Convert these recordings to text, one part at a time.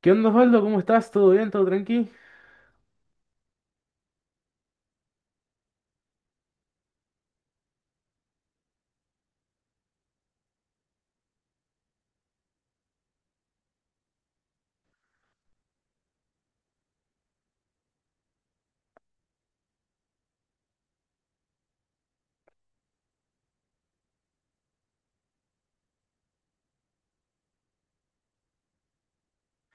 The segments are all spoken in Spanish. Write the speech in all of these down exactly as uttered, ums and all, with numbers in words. ¿Qué onda, Osvaldo? ¿Cómo estás? ¿Todo bien? ¿Todo tranqui?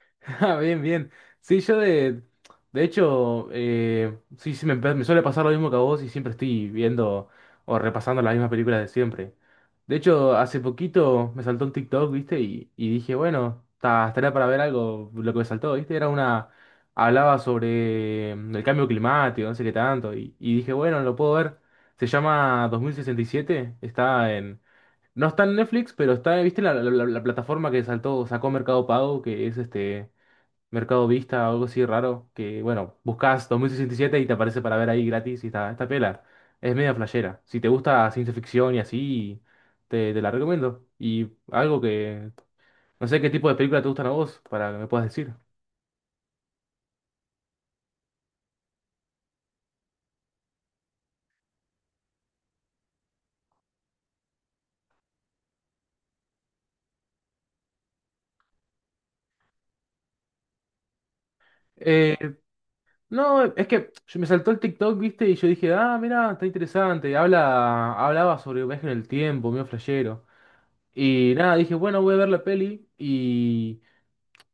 Ah, bien, bien. Sí, yo de... De hecho, eh, sí, sí, me, pa- me suele pasar lo mismo que a vos y siempre estoy viendo o repasando las mismas películas de siempre. De hecho, hace poquito me saltó un TikTok, ¿viste? Y, y dije, bueno, ta- estaría para ver algo, lo que me saltó, ¿viste? Era una... Hablaba sobre mm, el cambio climático, no sé qué tanto. Y, y dije, bueno, lo puedo ver. Se llama dos mil sesenta y siete, está en... No está en Netflix, pero está, ¿viste la, la- la- la plataforma que saltó, sacó Mercado Pago, que es este Mercado Vista o algo así raro? Que bueno, buscas dos mil sesenta y siete y siete y te aparece para ver ahí gratis y está, está pela. Es media flashera. Si te gusta ciencia ficción y así, te, te la recomiendo. Y algo que. No sé qué tipo de película te gustan a vos, para que me puedas decir. Eh, no, es que yo me saltó el TikTok, ¿viste? Y yo dije, ah, mira, está interesante. Habla, hablaba sobre viaje en el tiempo, medio flashero. Y nada, dije, bueno, voy a ver la peli y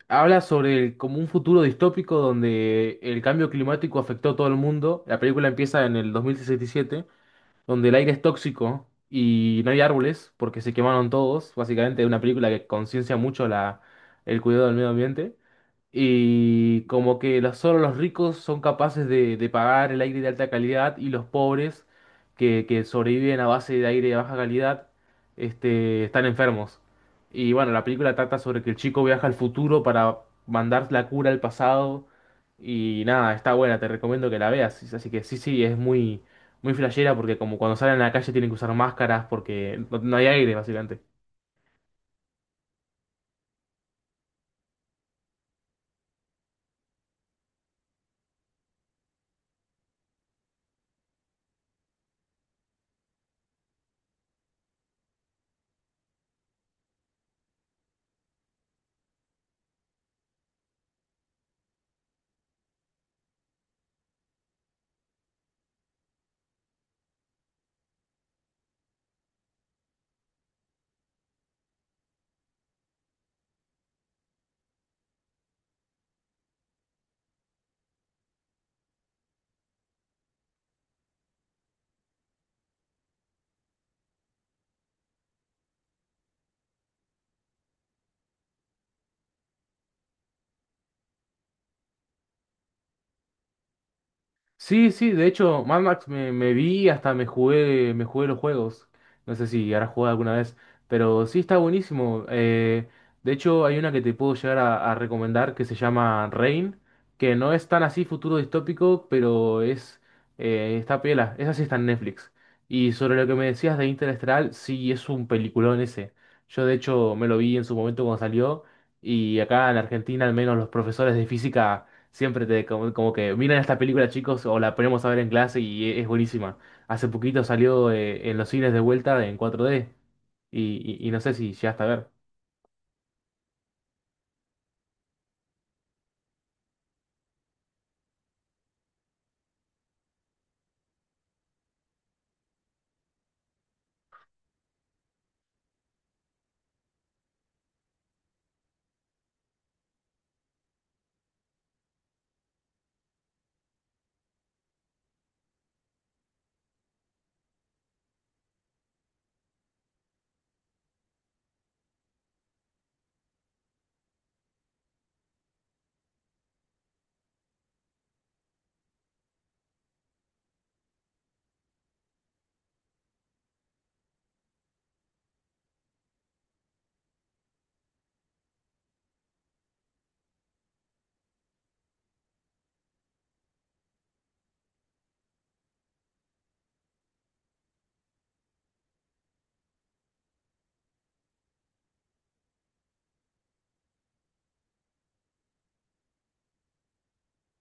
habla sobre el- como un futuro distópico donde el cambio climático afectó a todo el mundo. La película empieza en el dos mil sesenta y siete donde el aire es tóxico y no hay árboles porque se quemaron todos. Básicamente es una película que conciencia mucho la, el cuidado del medio ambiente. Y como que los- solo los ricos son capaces de, de pagar el aire de alta calidad y los pobres que, que sobreviven a base de aire de baja calidad este, están enfermos. Y bueno, la película trata sobre que el chico viaja al futuro para mandar la cura al pasado. Y nada, está buena, te recomiendo que la veas. Así que sí, sí, es muy, muy flashera porque como cuando salen a la calle tienen que usar máscaras porque no, no hay aire, básicamente. Sí, sí, de hecho, Mad Max me, me vi, hasta me jugué, me jugué los juegos. No sé si habrás jugado alguna vez, pero sí está buenísimo. Eh, de hecho, hay una que te puedo llegar a, a recomendar que se llama Rain, que no es tan así futuro distópico, pero es eh, está piola. Esa sí está en Netflix. Y sobre lo que me decías de Interestelar, sí es un peliculón ese. Yo de hecho me lo vi en su momento cuando salió, y acá en Argentina al menos los profesores de física siempre te como, como que miren esta película, chicos, o la ponemos a ver en clase y e- es buenísima. Hace poquito salió eh, en los cines de vuelta en cuatro D y, y, y no sé si llegaste a ver.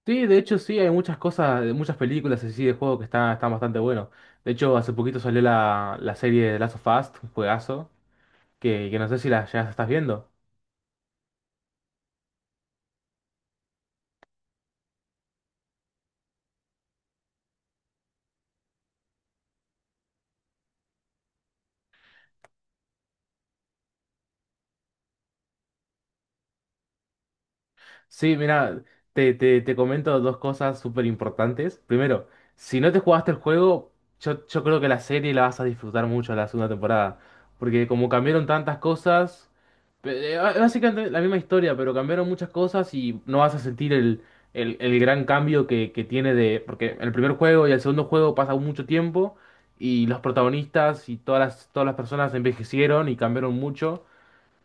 Sí, de hecho sí, hay muchas cosas, de muchas películas así de juego que están, están bastante buenos. De hecho, hace poquito salió la, la serie de Last of Us, un juegazo, que, que no sé si la ya estás viendo. Sí, mira, te, te, te comento dos cosas súper importantes. Primero, si no te jugaste el juego, yo, yo creo que la serie la vas a disfrutar mucho la segunda temporada. Porque como cambiaron tantas cosas, pe- eh, bá- básicamente la misma historia, pero cambiaron muchas cosas y no vas a sentir el, el, el gran cambio que, que tiene de... Porque el primer juego y el segundo juego pasa mucho tiempo y los protagonistas y todas las, todas las personas envejecieron y cambiaron mucho.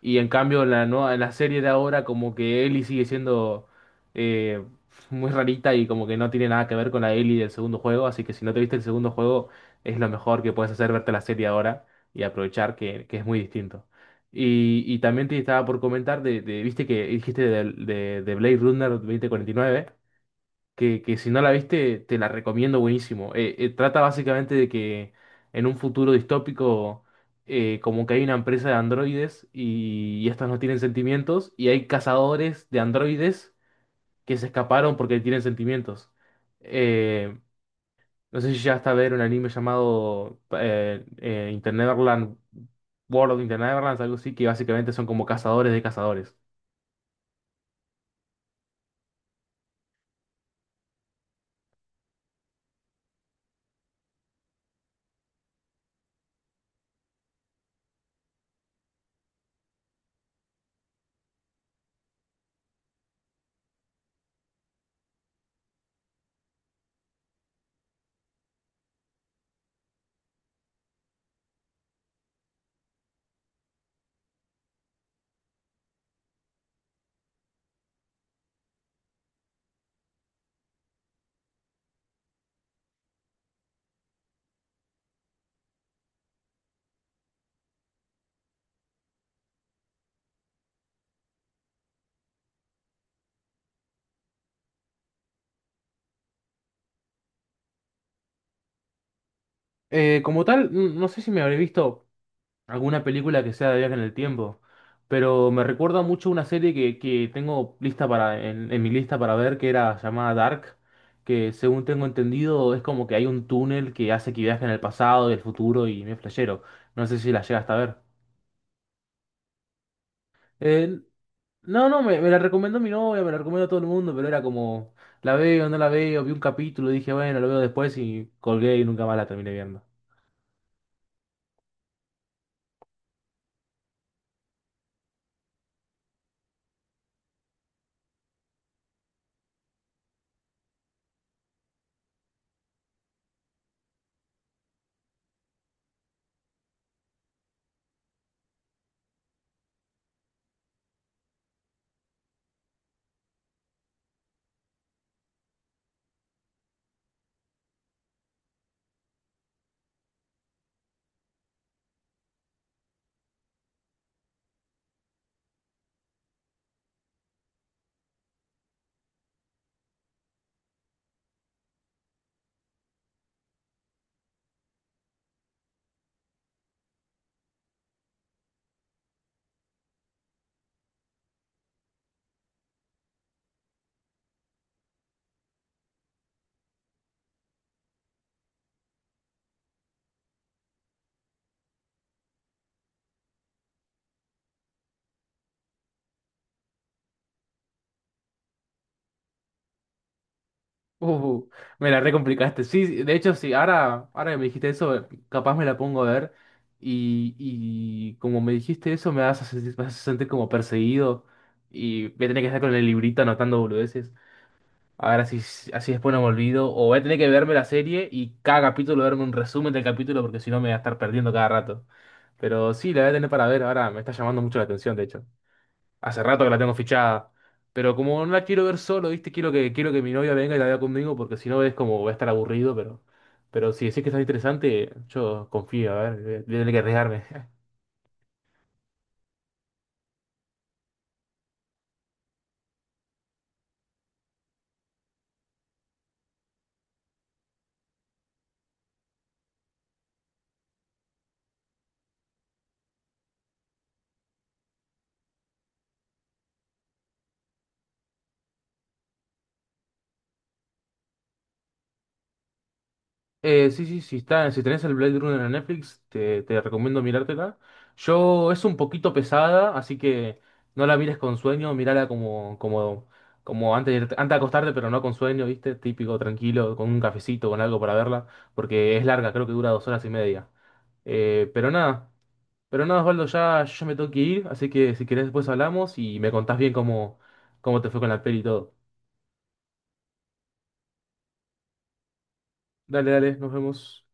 Y en cambio, en la, nueva- en la serie de ahora, como que Ellie sigue siendo eh, muy rarita y como que no tiene nada que ver con la Ellie del segundo juego. Así que si no te viste el segundo juego, es lo mejor que puedes hacer verte la serie ahora y aprovechar que, que es muy distinto. Y, y también te estaba por comentar, de, de- viste que dijiste de, de, de Blade Runner dos mil cuarenta y nueve que, que si no la viste, te la recomiendo buenísimo. Eh, eh, trata básicamente de que en un futuro distópico, eh, como que hay una empresa de androides y, y estos no tienen sentimientos, y hay cazadores de androides que se escaparon porque tienen sentimientos. Eh, no sé si ya hasta ver un anime llamado eh, eh, Interneverland, World of Interneverland, algo así, que básicamente son como cazadores de cazadores. Eh, como tal, n- no sé si me habré visto alguna película que sea de viaje en el tiempo. Pero me recuerda mucho una serie que, que tengo lista para, en, en mi lista para ver, que era llamada Dark, que según tengo entendido es como que hay un túnel que hace que viaje en el pasado y el futuro y me flashero. No sé si la llegaste a ver. Eh, no, no, me, me la recomendó mi novia, me la recomendó todo el mundo, pero era como, la veo, no la veo, vi un capítulo, dije, bueno, lo veo después y colgué y nunca más la terminé viendo. Uh, me la recomplicaste. Sí, sí, de hecho, sí, ahora, ahora que me dijiste eso, eh, capaz me la pongo a ver. Y, y como me dijiste eso, me vas a sentir, vas a sentir como perseguido. Y voy a tener que estar con el librito anotando boludeces. A ver, así, así después no me olvido. O voy a tener que verme la serie y cada capítulo verme un resumen del capítulo porque si no me voy a estar perdiendo cada rato. Pero sí, la voy a tener para ver. Ahora me está llamando mucho la atención, de hecho. Hace rato que la tengo fichada. Pero como no la quiero ver solo, ¿viste? Quiero que, quiero que mi novia venga y la vea conmigo, porque si no es como voy a estar aburrido, pero, pero si decís que está interesante, yo confío, a ver, voy a voy a tener que arriesgarme. Eh, sí, sí, sí, está, si tenés el Blade Runner en Netflix, te, te recomiendo mirártela. Yo, es un poquito pesada, así que no la mires con sueño, mírala como, como, como antes de, irte- antes de acostarte, pero no con sueño, ¿viste? Típico, tranquilo, con un cafecito, con algo para verla, porque es larga, creo que dura dos horas y media. Eh, pero nada, pero nada, Osvaldo, ya yo me tengo que ir, así que si querés después hablamos y me contás bien cómo, cómo te fue con la peli y todo. Dale, dale, nos vemos.